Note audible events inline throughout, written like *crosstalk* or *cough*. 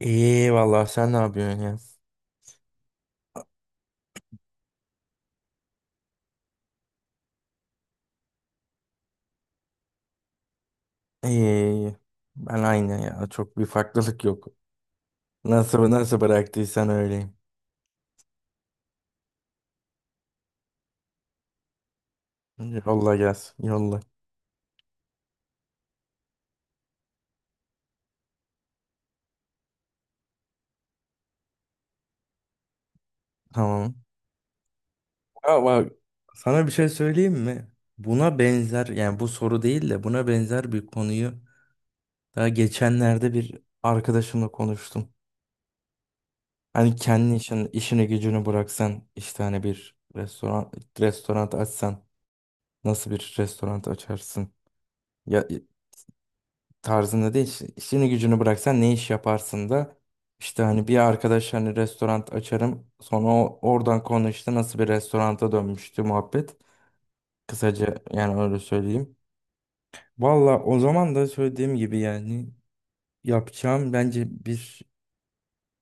İyi vallahi sen ne yapıyorsun ya? İyi iyi. İyi. Ben aynı ya. Çok bir farklılık yok. Nasıl nasıl bıraktıysan öyleyim. Yolla gelsin. Yolla. Tamam. Ya bak, sana bir şey söyleyeyim mi? Buna benzer, yani bu soru değil de buna benzer bir konuyu daha geçenlerde bir arkadaşımla konuştum. Hani kendi işin, işini gücünü bıraksan, işte hani bir restoran açsan nasıl bir restoran açarsın? Ya tarzında değil. İşini gücünü bıraksan ne iş yaparsın da işte hani bir arkadaş hani restoran açarım, sonra oradan konu işte nasıl bir restoranta dönmüştü muhabbet. Kısaca yani öyle söyleyeyim. Valla o zaman da söylediğim gibi yani yapacağım bence bir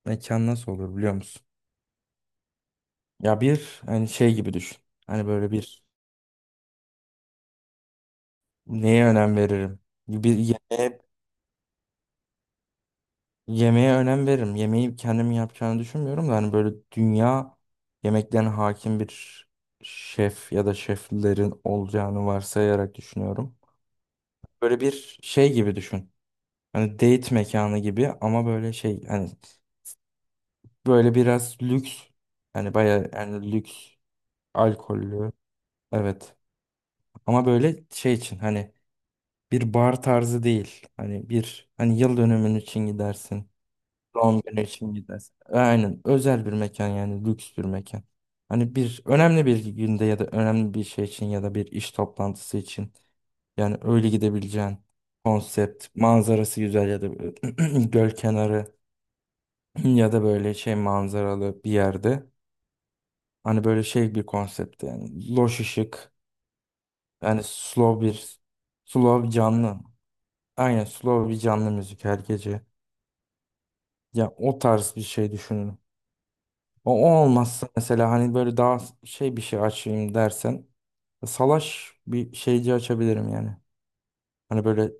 mekan nasıl olur biliyor musun? Ya bir hani şey gibi düşün. Hani böyle bir neye önem veririm? Bir yemeğe. Yemeğe önem veririm. Yemeği kendim yapacağını düşünmüyorum da hani böyle dünya yemeklerine hakim bir şef ya da şeflerin olacağını varsayarak düşünüyorum. Böyle bir şey gibi düşün. Hani date mekanı gibi, ama böyle şey hani böyle biraz lüks, hani bayağı yani lüks, alkollü. Evet, ama böyle şey için hani bir bar tarzı değil. Hani bir hani yıl dönümün için gidersin. Doğum günü için gidersin. Aynen. Özel bir mekan yani lüks bir mekan. Hani bir önemli bir günde ya da önemli bir şey için ya da bir iş toplantısı için yani öyle gidebileceğin konsept, manzarası güzel ya da *clears throat* göl kenarı ya da böyle şey manzaralı bir yerde. Hani böyle şey bir konsept yani loş ışık, yani slow bir canlı. Aynen slow bir canlı müzik her gece. Ya o tarz bir şey düşünün. O olmazsa mesela hani böyle daha şey bir şey açayım dersen salaş bir şeyci açabilirim yani. Hani böyle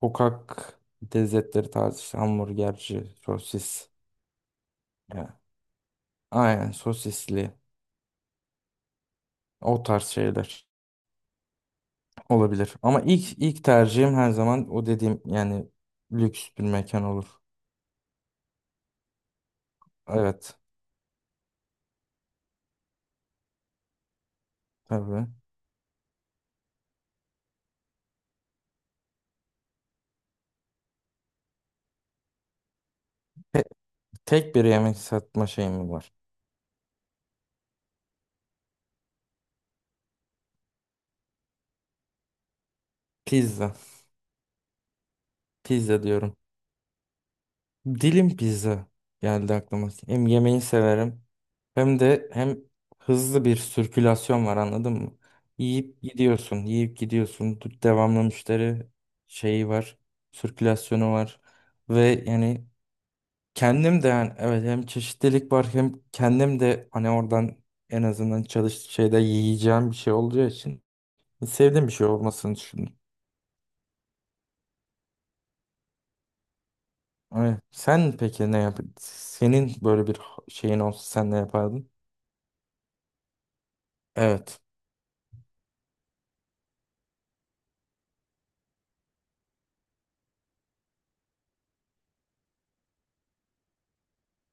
sokak lezzetleri tarzı, işte hamburgerci, sosis. Yani aynen sosisli, o tarz şeyler olabilir. Ama ilk tercihim her zaman o dediğim yani lüks bir mekan olur. Evet, tabii. Te- Tek bir yemek satma şeyim var. Pizza. Pizza diyorum. Dilim pizza geldi aklıma. Hem yemeği severim hem de hızlı bir sirkülasyon var, anladın mı? Yiyip gidiyorsun, yiyip gidiyorsun. Devamlı müşteri şeyi var, sirkülasyonu var ve yani kendim de, yani evet, hem çeşitlilik var hem kendim de hani oradan en azından çalış şeyde yiyeceğim bir şey olacağı için sevdiğim bir şey olmasını düşündüm. Evet. Sen peki ne yap? Senin böyle bir şeyin olsa sen ne yapardın? Evet.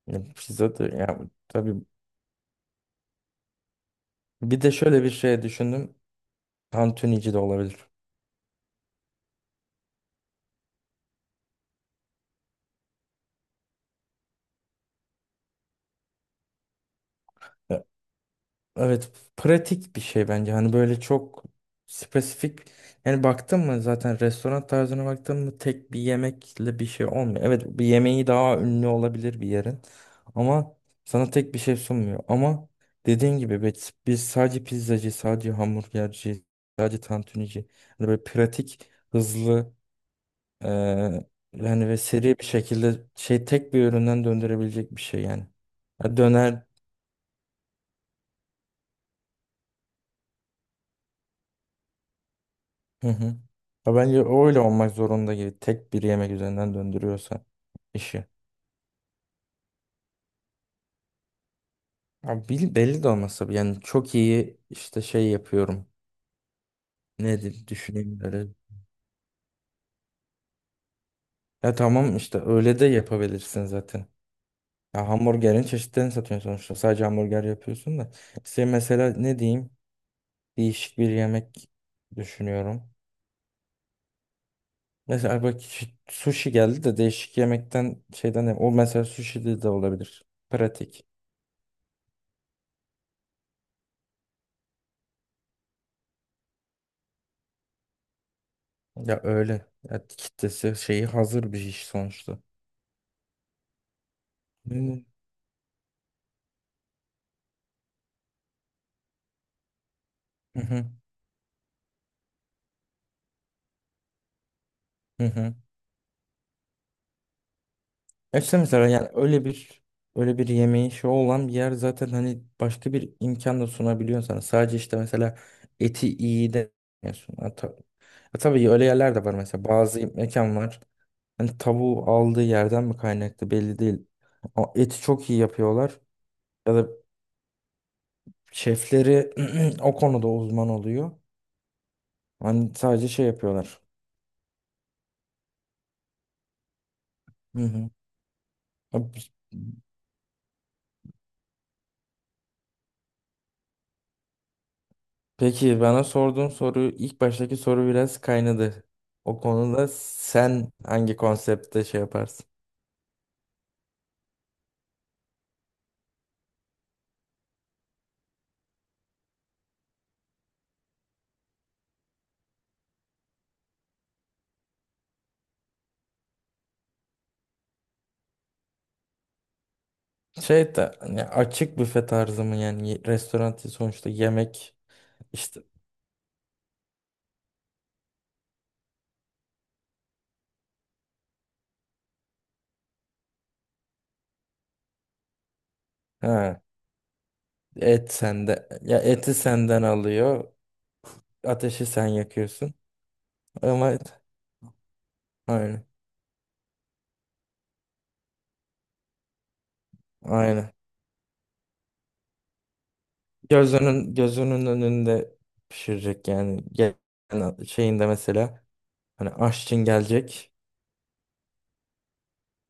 Ya pizza da ya, tabii. Bir de şöyle bir şey düşündüm. Tantunici de olabilir. Ya evet, pratik bir şey bence. Hani böyle çok spesifik, yani baktın mı zaten restoran tarzına baktın mı tek bir yemekle bir şey olmuyor. Evet, bir yemeği daha ünlü olabilir bir yerin, ama sana tek bir şey sunmuyor. Ama dediğin gibi biz sadece pizzacı, sadece hamburgerci, sadece tantunici, hani böyle pratik, hızlı. Ee, Yani ve seri bir şekilde şey tek bir üründen döndürebilecek bir şey yani. Ha, döner. Hı hı. Ha, bence öyle olmak zorunda gibi tek bir yemek üzerinden döndürüyorsa işi. Abi, belli de olmasa bile yani çok iyi işte şey yapıyorum. Nedir, düşüneyim böyle. Ya tamam, işte öyle de yapabilirsin zaten. Ya hamburgerin çeşitlerini satıyorsun sonuçta. Sadece hamburger yapıyorsun da. İşte mesela ne diyeyim? Değişik bir yemek düşünüyorum. Mesela bak, sushi geldi de değişik yemekten şeyden, o mesela sushi de olabilir. Pratik. Ya öyle. Ya kitlesi şeyi hazır bir iş sonuçta. Yani- Hı hı. Hı hı. Ya İşte mesela yani öyle bir öyle bir yemeği şey olan bir yer zaten hani başka bir imkan da sunabiliyor sana. Sadece işte mesela eti iyi de sunuyor. Ya tabii öyle yerler de var mesela. Bazı mekan var. Hani tavuğu aldığı yerden mi kaynaklı belli değil. Ama eti çok iyi yapıyorlar. Ya da şefleri *clears throat* o konuda uzman oluyor. Hani sadece şey yapıyorlar. Hı hı. Abi, peki bana sorduğun soru, ilk baştaki soru biraz kaynadı. O konuda sen hangi konseptte şey yaparsın? Şey de hani açık büfe tarzı mı yani? Restoran değil sonuçta, yemek işte. Ha, et sende, ya eti senden alıyor, ateşi sen yakıyorsun ama aynen, aynen. Gözünün önünde pişirecek yani. Yani şeyinde mesela hani aşçın gelecek.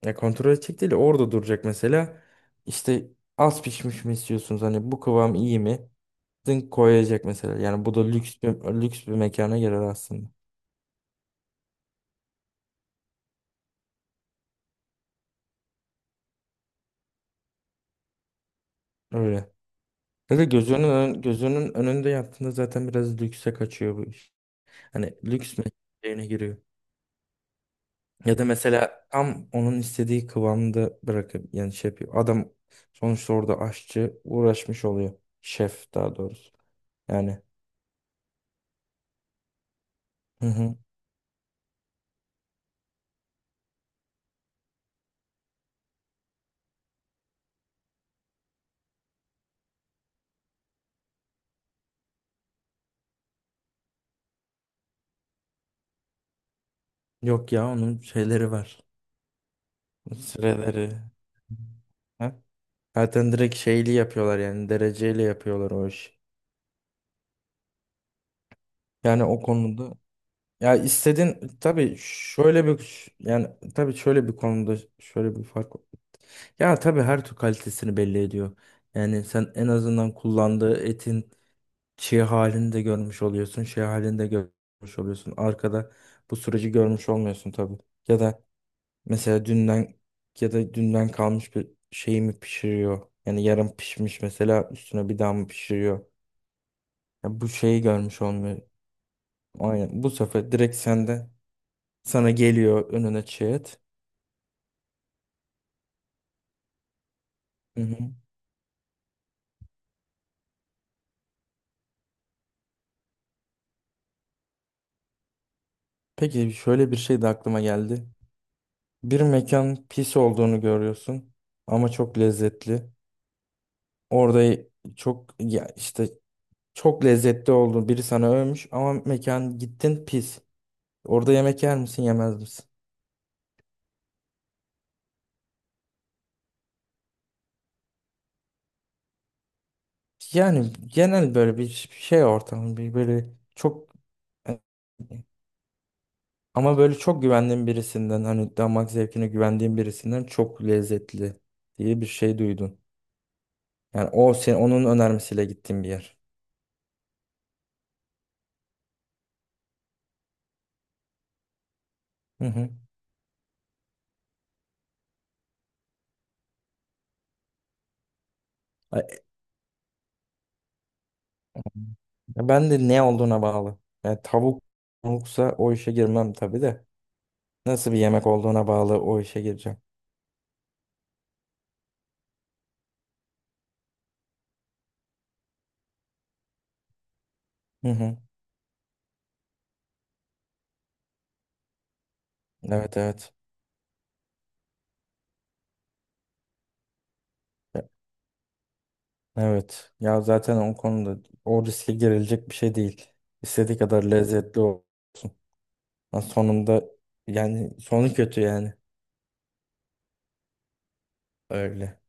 Ya kontrol edecek değil de orada duracak mesela. İşte az pişmiş mi istiyorsunuz? Hani bu kıvam iyi mi? Dın koyacak mesela. Yani bu da lüks bir mekana girer aslında. Öyle. Ya da gözünün önünde yaptığında zaten biraz lükse kaçıyor bu iş. Hani lüks mekanına giriyor. Ya da mesela tam onun istediği kıvamda bırakıp yani şey yapıyor. Adam sonuçta orada aşçı uğraşmış oluyor. Şef daha doğrusu. Yani hı hı. Yok ya, onun şeyleri var. Süreleri. Ha? Zaten direkt şeyli yapıyorlar, yani dereceyle yapıyorlar o iş. Yani o konuda ya istediğin, tabii şöyle bir yani tabii şöyle bir konuda şöyle bir fark. Ya tabii her tür kalitesini belli ediyor. Yani sen en azından kullandığı etin çığ halini de görmüş oluyorsun, şey halini de görmüş oluyorsun. Arkada bu süreci görmüş olmuyorsun tabii. Ya da mesela dünden, ya da dünden kalmış bir şeyi mi pişiriyor? Yani yarım pişmiş mesela, üstüne bir daha mı pişiriyor? Ya bu şeyi görmüş olmuyor. Aynen. Bu sefer direkt sende sana geliyor önüne çiğ et. Hı hı. Peki şöyle bir şey de aklıma geldi. Bir mekan pis olduğunu görüyorsun ama çok lezzetli. Orada çok ya işte çok lezzetli oldu. Biri sana övmüş ama mekan, gittin, pis. Orada yemek yer misin, yemez misin? Yani genel böyle bir şey ortamı bir böyle çok e, ama böyle çok güvendiğim birisinden hani damak zevkine güvendiğim birisinden çok lezzetli diye bir şey duydun. Yani o senin onun önermesiyle gittiğim bir yer. Hı hı. Ay, ben de ne olduğuna bağlı. Yani tavuksa o işe girmem tabii de. Nasıl bir yemek olduğuna bağlı o işe gireceğim. Hı hı. Evet, evet. Evet. Ya zaten o konuda o riske girilecek bir şey değil. İstediği kadar lezzetli olsun. Ha, sonunda yani sonu kötü yani. Öyle.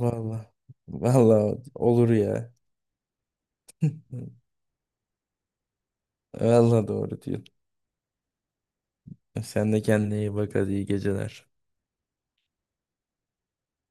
Vallahi. Vallahi olur ya. Vallahi doğru diyorsun. Sen de kendine iyi bak, hadi iyi geceler.